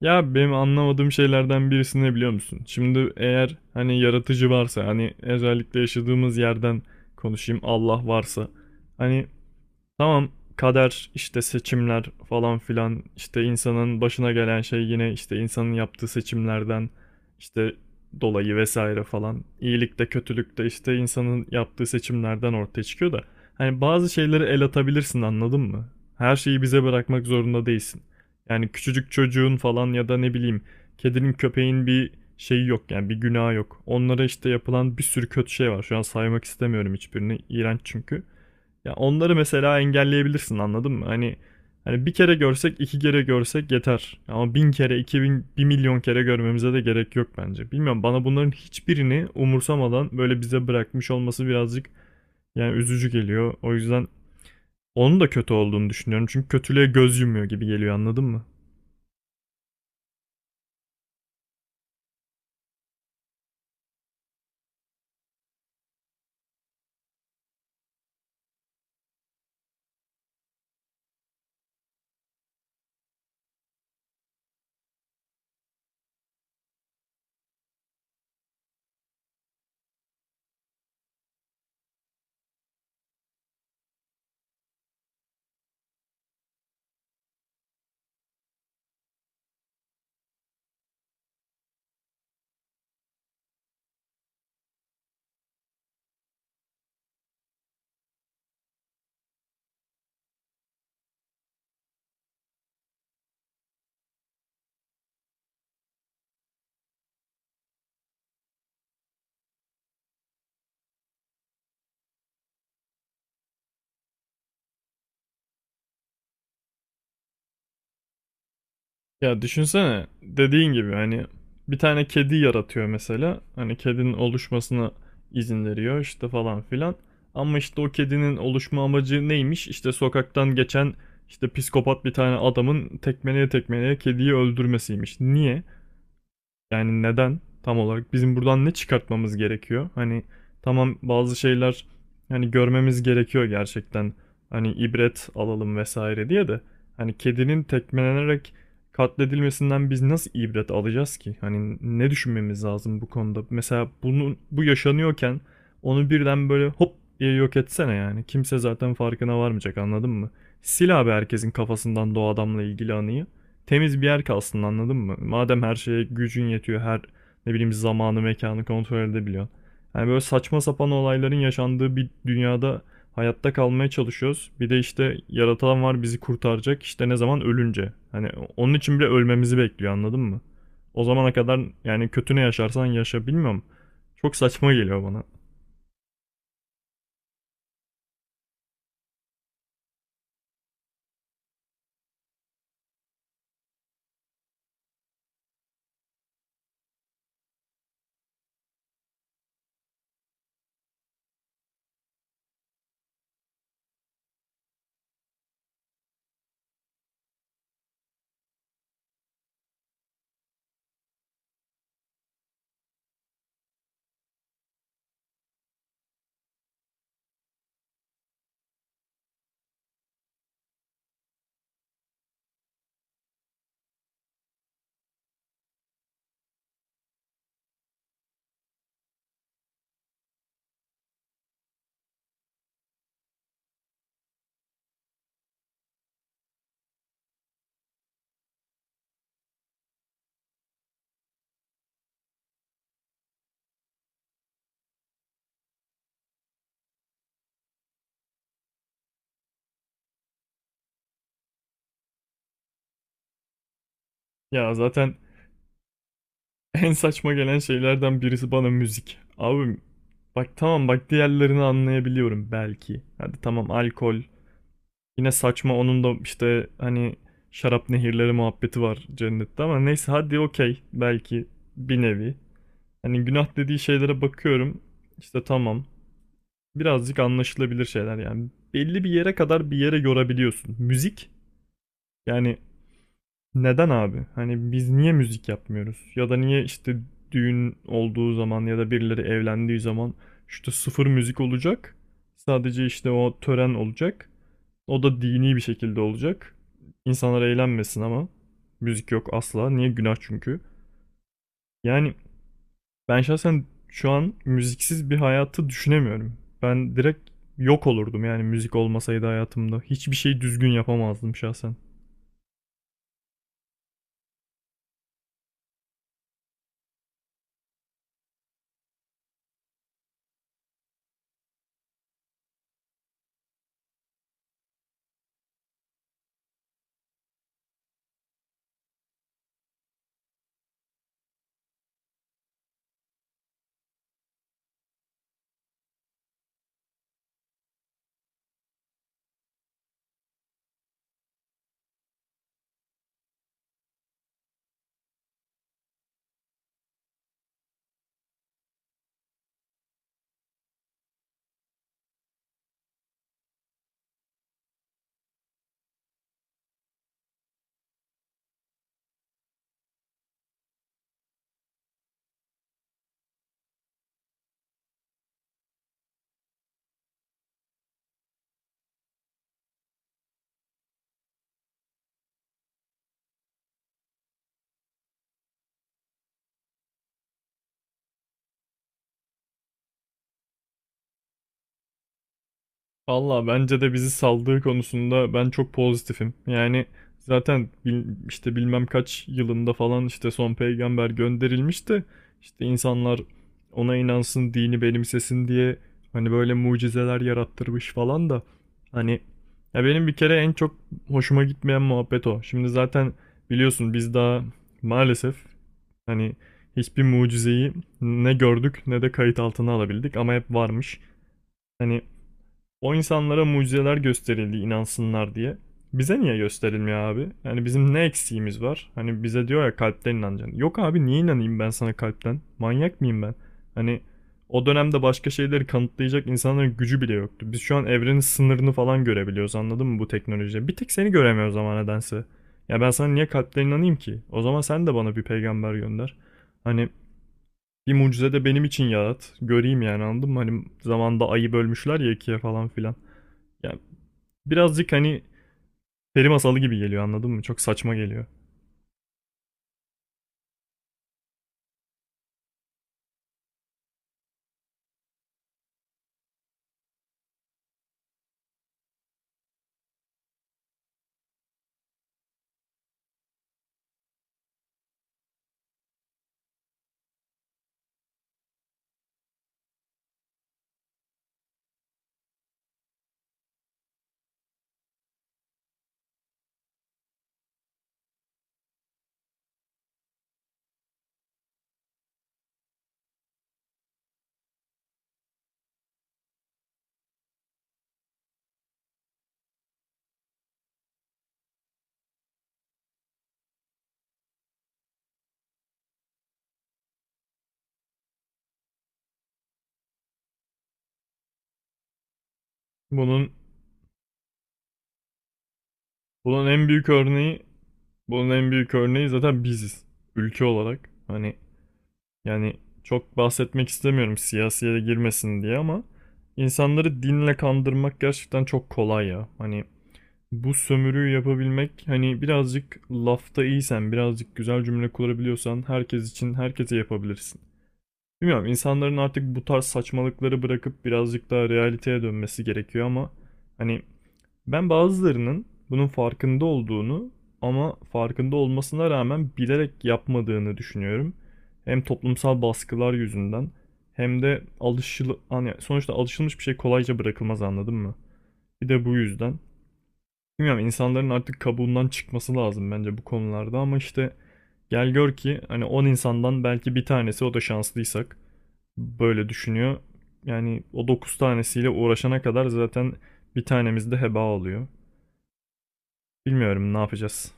Ya benim anlamadığım şeylerden birisi ne biliyor musun? Şimdi eğer hani yaratıcı varsa hani özellikle yaşadığımız yerden konuşayım, Allah varsa hani. Tamam, kader işte, seçimler falan filan, işte insanın başına gelen şey yine işte insanın yaptığı seçimlerden işte dolayı vesaire falan. İyilik de kötülük de işte insanın yaptığı seçimlerden ortaya çıkıyor da. Hani bazı şeyleri el atabilirsin anladın mı? Her şeyi bize bırakmak zorunda değilsin. Yani küçücük çocuğun falan ya da ne bileyim kedinin köpeğin bir şeyi yok yani, bir günahı yok. Onlara işte yapılan bir sürü kötü şey var. Şu an saymak istemiyorum hiçbirini. İğrenç çünkü. Ya onları mesela engelleyebilirsin anladın mı? Hani bir kere görsek, iki kere görsek yeter. Ama 1000 kere, 2000, 1.000.000 kere görmemize de gerek yok bence. Bilmiyorum, bana bunların hiçbirini umursamadan böyle bize bırakmış olması birazcık yani üzücü geliyor. O yüzden onun da kötü olduğunu düşünüyorum. Çünkü kötülüğe göz yumuyor gibi geliyor anladın mı? Ya düşünsene, dediğin gibi hani bir tane kedi yaratıyor mesela. Hani kedinin oluşmasına izin veriyor işte falan filan. Ama işte o kedinin oluşma amacı neymiş? İşte sokaktan geçen işte psikopat bir tane adamın tekmeleye tekmeleye kediyi öldürmesiymiş. Niye? Yani neden, tam olarak bizim buradan ne çıkartmamız gerekiyor? Hani tamam, bazı şeyler hani görmemiz gerekiyor gerçekten. Hani ibret alalım vesaire diye de, hani kedinin tekmelenerek katledilmesinden biz nasıl ibret alacağız ki? Hani ne düşünmemiz lazım bu konuda? Mesela bunun, bu yaşanıyorken onu birden böyle hop diye yok etsene yani. Kimse zaten farkına varmayacak anladın mı? Sil abi, herkesin kafasından doğu adamla ilgili anıyı, temiz bir yer kalsın anladın mı? Madem her şeye gücün yetiyor, her ne bileyim zamanı, mekanı kontrol edebiliyorsun. Yani böyle saçma sapan olayların yaşandığı bir dünyada hayatta kalmaya çalışıyoruz. Bir de işte yaratan var bizi kurtaracak işte ne zaman ölünce. Hani onun için bile ölmemizi bekliyor anladın mı? O zamana kadar yani kötü ne yaşarsan yaşa, bilmiyorum. Çok saçma geliyor bana. Ya zaten en saçma gelen şeylerden birisi bana müzik. Abi bak, tamam, bak, diğerlerini anlayabiliyorum belki. Hadi tamam, alkol. Yine saçma, onun da işte hani şarap nehirleri muhabbeti var cennette ama neyse, hadi okey, belki bir nevi. Hani günah dediği şeylere bakıyorum. İşte tamam. Birazcık anlaşılabilir şeyler yani. Belli bir yere kadar bir yere yorabiliyorsun. Müzik yani, neden abi? Hani biz niye müzik yapmıyoruz? Ya da niye işte düğün olduğu zaman ya da birileri evlendiği zaman işte sıfır müzik olacak. Sadece işte o tören olacak. O da dini bir şekilde olacak. İnsanlar eğlenmesin ama, müzik yok asla. Niye? Günah çünkü. Yani ben şahsen şu an müziksiz bir hayatı düşünemiyorum. Ben direkt yok olurdum yani müzik olmasaydı hayatımda. Hiçbir şey düzgün yapamazdım şahsen. Valla bence de bizi saldığı konusunda ben çok pozitifim. Yani zaten işte bilmem kaç yılında falan işte son peygamber gönderilmişti. İşte insanlar ona inansın, dini benimsesin diye hani böyle mucizeler yarattırmış falan da. Hani ya, benim bir kere en çok hoşuma gitmeyen muhabbet o. Şimdi zaten biliyorsun biz daha maalesef hani hiçbir mucizeyi ne gördük ne de kayıt altına alabildik, ama hep varmış. Hani o insanlara mucizeler gösterildi inansınlar diye. Bize niye gösterilmiyor abi? Yani bizim ne eksiğimiz var? Hani bize diyor ya kalpten inanacaksın. Yok abi, niye inanayım ben sana kalpten? Manyak mıyım ben? Hani o dönemde başka şeyleri kanıtlayacak insanların gücü bile yoktu. Biz şu an evrenin sınırını falan görebiliyoruz anladın mı bu teknolojiyle? Bir tek seni göremiyoruz ama nedense. Ya ben sana niye kalpten inanayım ki? O zaman sen de bana bir peygamber gönder. Hani bir mucize de benim için yarat. Göreyim yani, anladın mı? Hani zamanda ayı bölmüşler ya ikiye falan filan. Yani birazcık hani peri masalı gibi geliyor anladın mı? Çok saçma geliyor. Bunun bunun en büyük örneği bunun en büyük örneği zaten biziz. Ülke olarak. Hani yani çok bahsetmek istemiyorum siyasiye de girmesin diye, ama insanları dinle kandırmak gerçekten çok kolay ya. Hani bu sömürüyü yapabilmek, hani birazcık lafta iyisen, birazcık güzel cümle kurabiliyorsan herkes için, herkese yapabilirsin. Bilmiyorum, insanların artık bu tarz saçmalıkları bırakıp birazcık daha realiteye dönmesi gerekiyor ama hani ben bazılarının bunun farkında olduğunu, ama farkında olmasına rağmen bilerek yapmadığını düşünüyorum. Hem toplumsal baskılar yüzünden hem de alışılı, hani sonuçta alışılmış bir şey kolayca bırakılmaz anladın mı? Bir de bu yüzden. Bilmiyorum, insanların artık kabuğundan çıkması lazım bence bu konularda ama işte gel gör ki hani 10 insandan belki bir tanesi, o da şanslıysak, böyle düşünüyor. Yani o 9 tanesiyle uğraşana kadar zaten bir tanemiz de heba oluyor. Bilmiyorum ne yapacağız.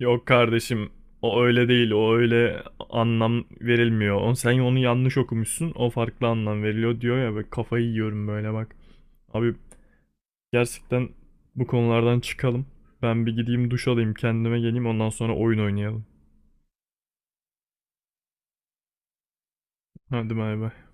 Yok kardeşim, o öyle değil, o öyle anlam verilmiyor. O, sen onu yanlış okumuşsun, o farklı anlam veriliyor diyor ya, böyle kafayı yiyorum böyle bak. Abi gerçekten bu konulardan çıkalım. Ben bir gideyim duş alayım, kendime geleyim, ondan sonra oyun oynayalım. Hadi bay bay.